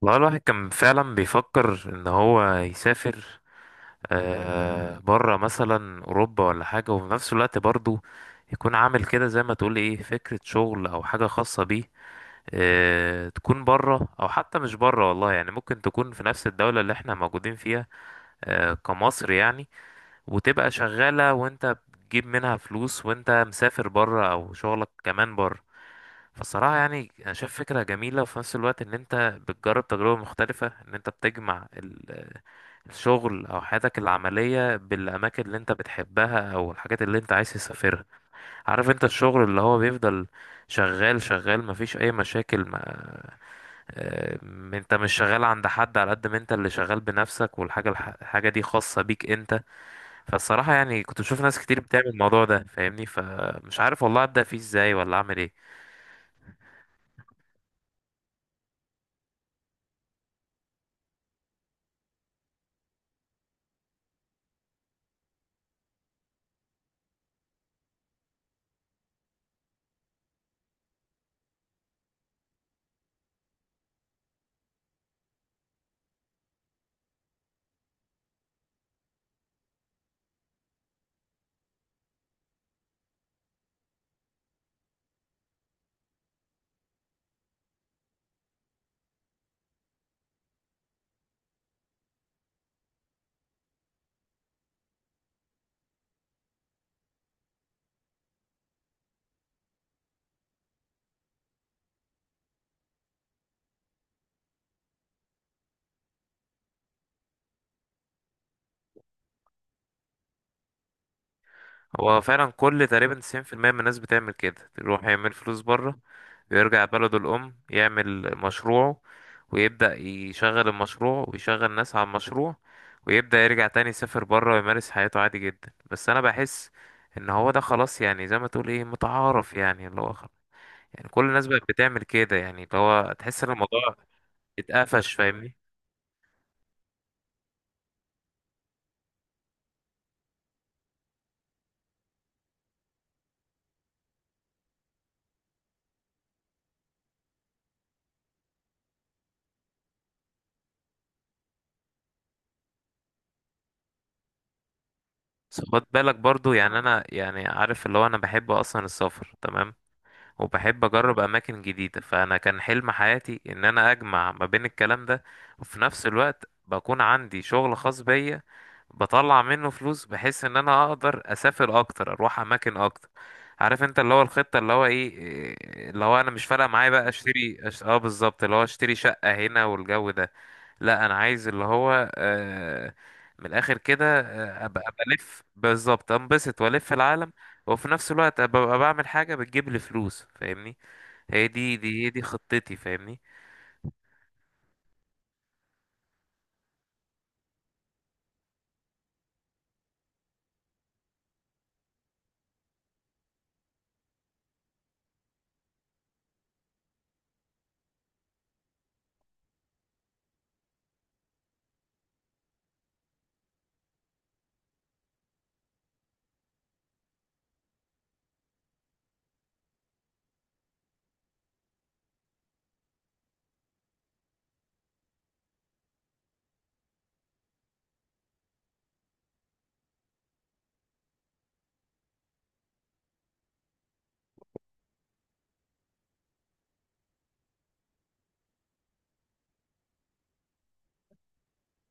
والله الواحد كان فعلا بيفكر ان هو يسافر. آه، بره مثلا اوروبا ولا حاجه، وفي نفس الوقت برضه يكون عامل كده زي ما تقول ايه فكره شغل او حاجه خاصه بيه. آه، تكون بره او حتى مش بره، والله يعني ممكن تكون في نفس الدوله اللي احنا موجودين فيها، آه كمصر يعني. وتبقى شغاله وانت بتجيب منها فلوس وانت مسافر بره، او شغلك كمان بره. فالصراحة يعني أنا شايف فكرة جميلة، وفي نفس الوقت إن أنت بتجرب تجربة مختلفة، إن أنت بتجمع الشغل أو حياتك العملية بالأماكن اللي أنت بتحبها أو الحاجات اللي أنت عايز تسافرها. عارف أنت الشغل اللي هو بيفضل شغال شغال، مفيش أي مشاكل، ما آه، أنت مش شغال عند حد، على قد ما أنت اللي شغال بنفسك والحاجة الحاجة دي خاصة بيك أنت. فالصراحة يعني كنت بشوف ناس كتير بتعمل الموضوع ده، فاهمني؟ فمش عارف والله أبدأ فيه إزاي ولا أعمل إيه. هو فعلا كل تقريبا 90% من الناس بتعمل كده، يروح يعمل فلوس بره ويرجع بلده الأم يعمل مشروعه، ويبدأ يشغل المشروع ويشغل ناس على المشروع، ويبدأ يرجع تاني يسافر بره ويمارس حياته عادي جدا. بس أنا بحس إن هو ده خلاص، يعني زي ما تقول إيه، متعارف، يعني اللي هو خلاص. يعني كل الناس بقت بتعمل كده، يعني اللي هو تحس إن الموضوع اتقفش، فاهمني؟ بس خد بالك برضو، يعني أنا يعني عارف اللي هو أنا بحب أصلا السفر، تمام؟ وبحب اجرب اماكن جديده، فانا كان حلم حياتي ان انا اجمع ما بين الكلام ده، وفي نفس الوقت بكون عندي شغل خاص بيا بطلع منه فلوس، بحيث ان انا اقدر اسافر اكتر، اروح اماكن اكتر. عارف انت اللي هو الخطه اللي هو ايه، اللي هو انا مش فارقه معايا بقى اشتري اه، بالظبط، اللي هو اشتري شقه هنا والجو ده. لا، انا عايز اللي هو، من الاخر كده، ابقى الف، بالظبط، انبسط والف العالم. وفي نفس الوقت ابقى بعمل حاجه بتجيب لي فلوس، فاهمني؟ هي دي خطتي، فاهمني؟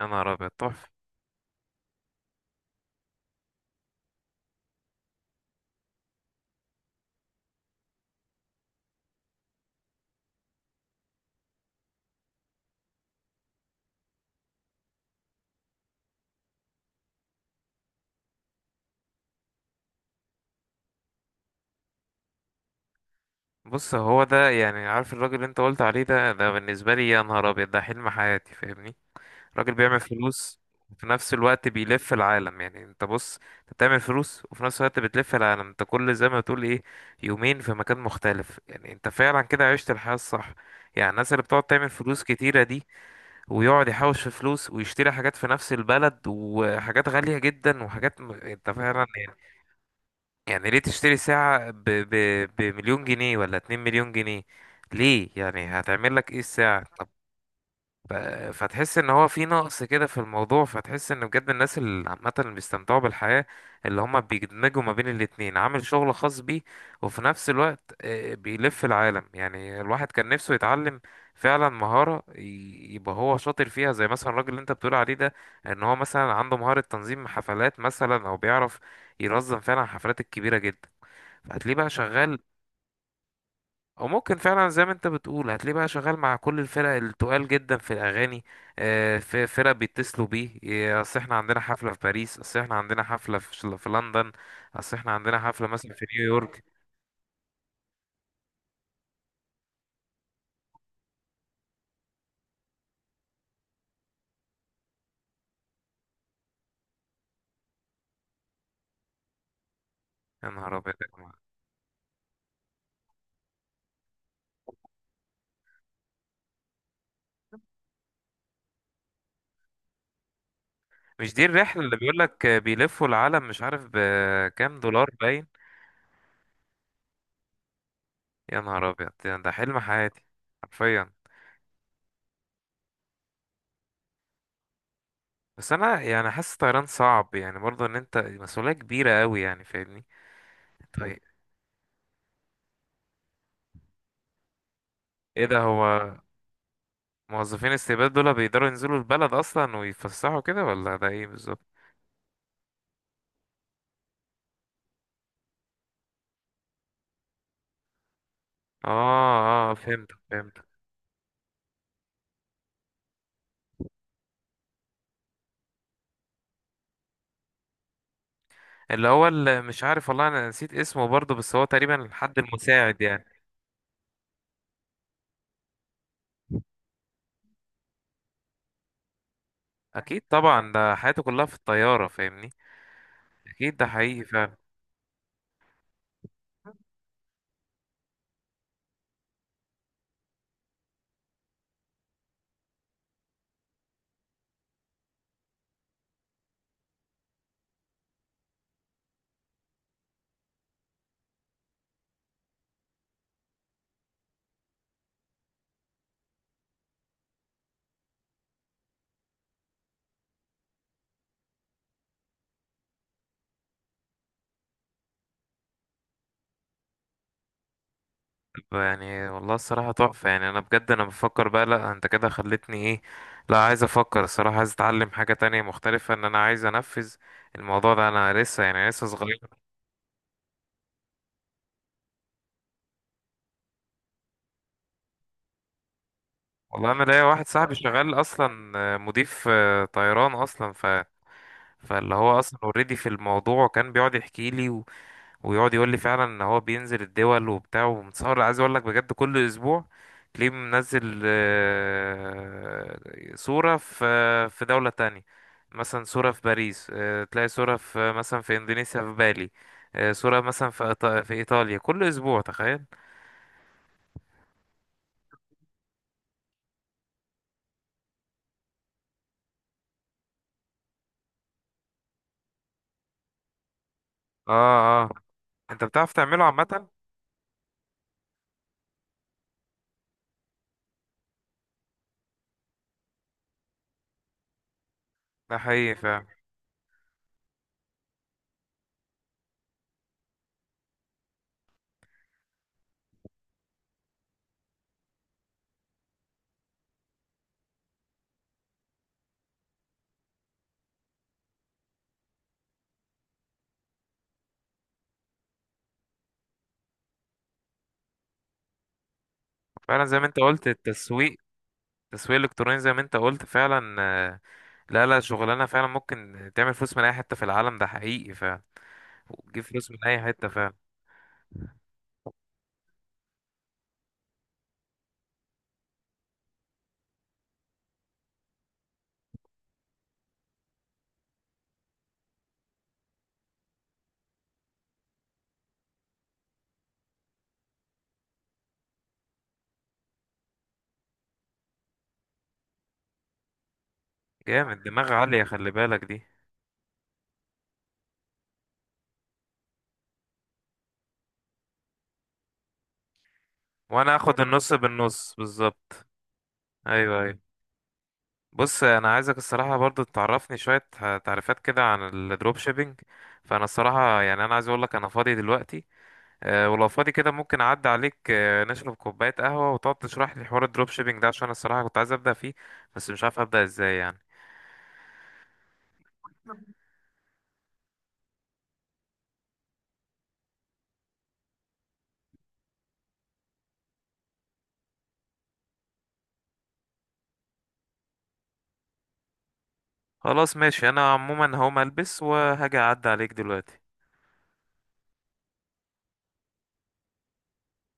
يا نهار ابيض، تحفه. بص، هو ده يعني، عارف الراجل اللي انت قلت عليه ده بالنسبه لي يا نهار ابيض ده حلم حياتي، فاهمني؟ راجل بيعمل فلوس وفي نفس الوقت بيلف العالم. يعني انت بص، انت بتعمل فلوس وفي نفس الوقت بتلف العالم. انت كل، زي ما تقول ايه، يومين في مكان مختلف، يعني انت فعلا كده عشت الحياة الصح. يعني الناس اللي بتقعد تعمل فلوس كتيرة دي ويقعد يحوش في فلوس ويشتري حاجات في نفس البلد، وحاجات غالية جدا، وحاجات انت فعلا يعني. يعني ليه تشتري ساعة بمليون جنيه ولا اتنين مليون جنيه؟ ليه؟ يعني هتعمل لك ايه الساعة؟ ف- فتحس ان هو في نقص كده في الموضوع، فتحس ان بجد الناس اللي عامه اللي بيستمتعوا بالحياه، اللي هم بيدمجوا ما بين الاتنين، عامل شغل خاص بيه وفي نفس الوقت بيلف العالم. يعني الواحد كان نفسه يتعلم فعلا مهاره يبقى هو شاطر فيها، زي مثلا الراجل اللي انت بتقول عليه ده، ان هو مثلا عنده مهاره تنظيم حفلات مثلا، او بيعرف ينظم فعلا الحفلات الكبيره جدا. فهتلاقيه بقى شغال، او ممكن فعلا زي ما انت بتقول هتلاقيه بقى شغال مع كل الفرق التقال جدا في الاغاني. في فرق بيتصلوا بيه، اصل احنا عندنا حفله في باريس، اصل احنا عندنا حفله في في لندن، اصل احنا عندنا حفله مثلا في نيويورك. يا نهار ابيض يا جماعة. مش دي الرحله اللي بيقول لك بيلفوا العالم مش عارف بكام دولار؟ باين. يا نهار ابيض، ده حلم حياتي، حرفيا. بس انا يعني حاسس طيران صعب، يعني برضه ان انت مسؤوليه كبيره قوي، يعني فاهمني؟ طيب. ايه ده؟ هو موظفين استباد دول بيقدروا ينزلوا البلد اصلا ويتفسحوا كده ولا ده ايه بالظبط؟ اه اه، فهمت فهمت. اللي هو، اللي مش عارف والله انا نسيت اسمه برضه، بس هو تقريبا الحد المساعد يعني. اكيد طبعا، ده حياته كلها في الطياره، فاهمني؟ اكيد ده حقيقي فعلا. طب يعني والله الصراحه تحفه، يعني انا بجد انا بفكر بقى. لا، انت كده خلتني ايه، لا، عايز افكر الصراحه، عايز اتعلم حاجه تانية مختلفه، ان انا عايز انفذ الموضوع ده. انا لسه يعني لسه صغير. والله انا ليا واحد صاحبي شغال اصلا مضيف طيران اصلا، فاللي هو اصلا اوريدي في الموضوع، وكان بيقعد يحكي لي ويقعد يقول لي فعلا ان هو بينزل الدول وبتاع ومتصور، عايز اقول لك بجد كل اسبوع تلاقيه منزل صورة في دولة تانية، مثلا صورة في باريس، تلاقي صورة في مثلا في اندونيسيا في بالي، صورة مثلا في في ايطاليا، كل اسبوع، تخيل. اه اه. انت بتعرف تعمله عامة؟ ده حقيقي فعلا. فعلا زي ما انت قلت، التسويق، التسويق الالكتروني زي ما انت قلت فعلا. لا لا، شغلانه فعلا ممكن تعمل فلوس من اي حته في العالم، ده حقيقي فعلا، وتجيب فلوس من اي حته فعلا. جامد، دماغ عاليه، خلي بالك دي. وانا اخد النص بالنص، بالظبط. ايوه ايوه. بص، انا عايزك الصراحه برضو تعرفني شويه تعريفات كده عن الدروب شيبينج. فانا الصراحه يعني انا عايز اقول لك انا فاضي دلوقتي، ولو فاضي كده ممكن اعدي عليك، نشرب كوباية قهوة وتقعد تشرح لي حوار الدروب شيبينج ده، عشان الصراحة كنت عايز ابدأ فيه بس مش عارف ابدأ ازاي يعني. خلاص ماشي، انا عموما هقوم البس وهاجي اعدي عليك دلوقتي.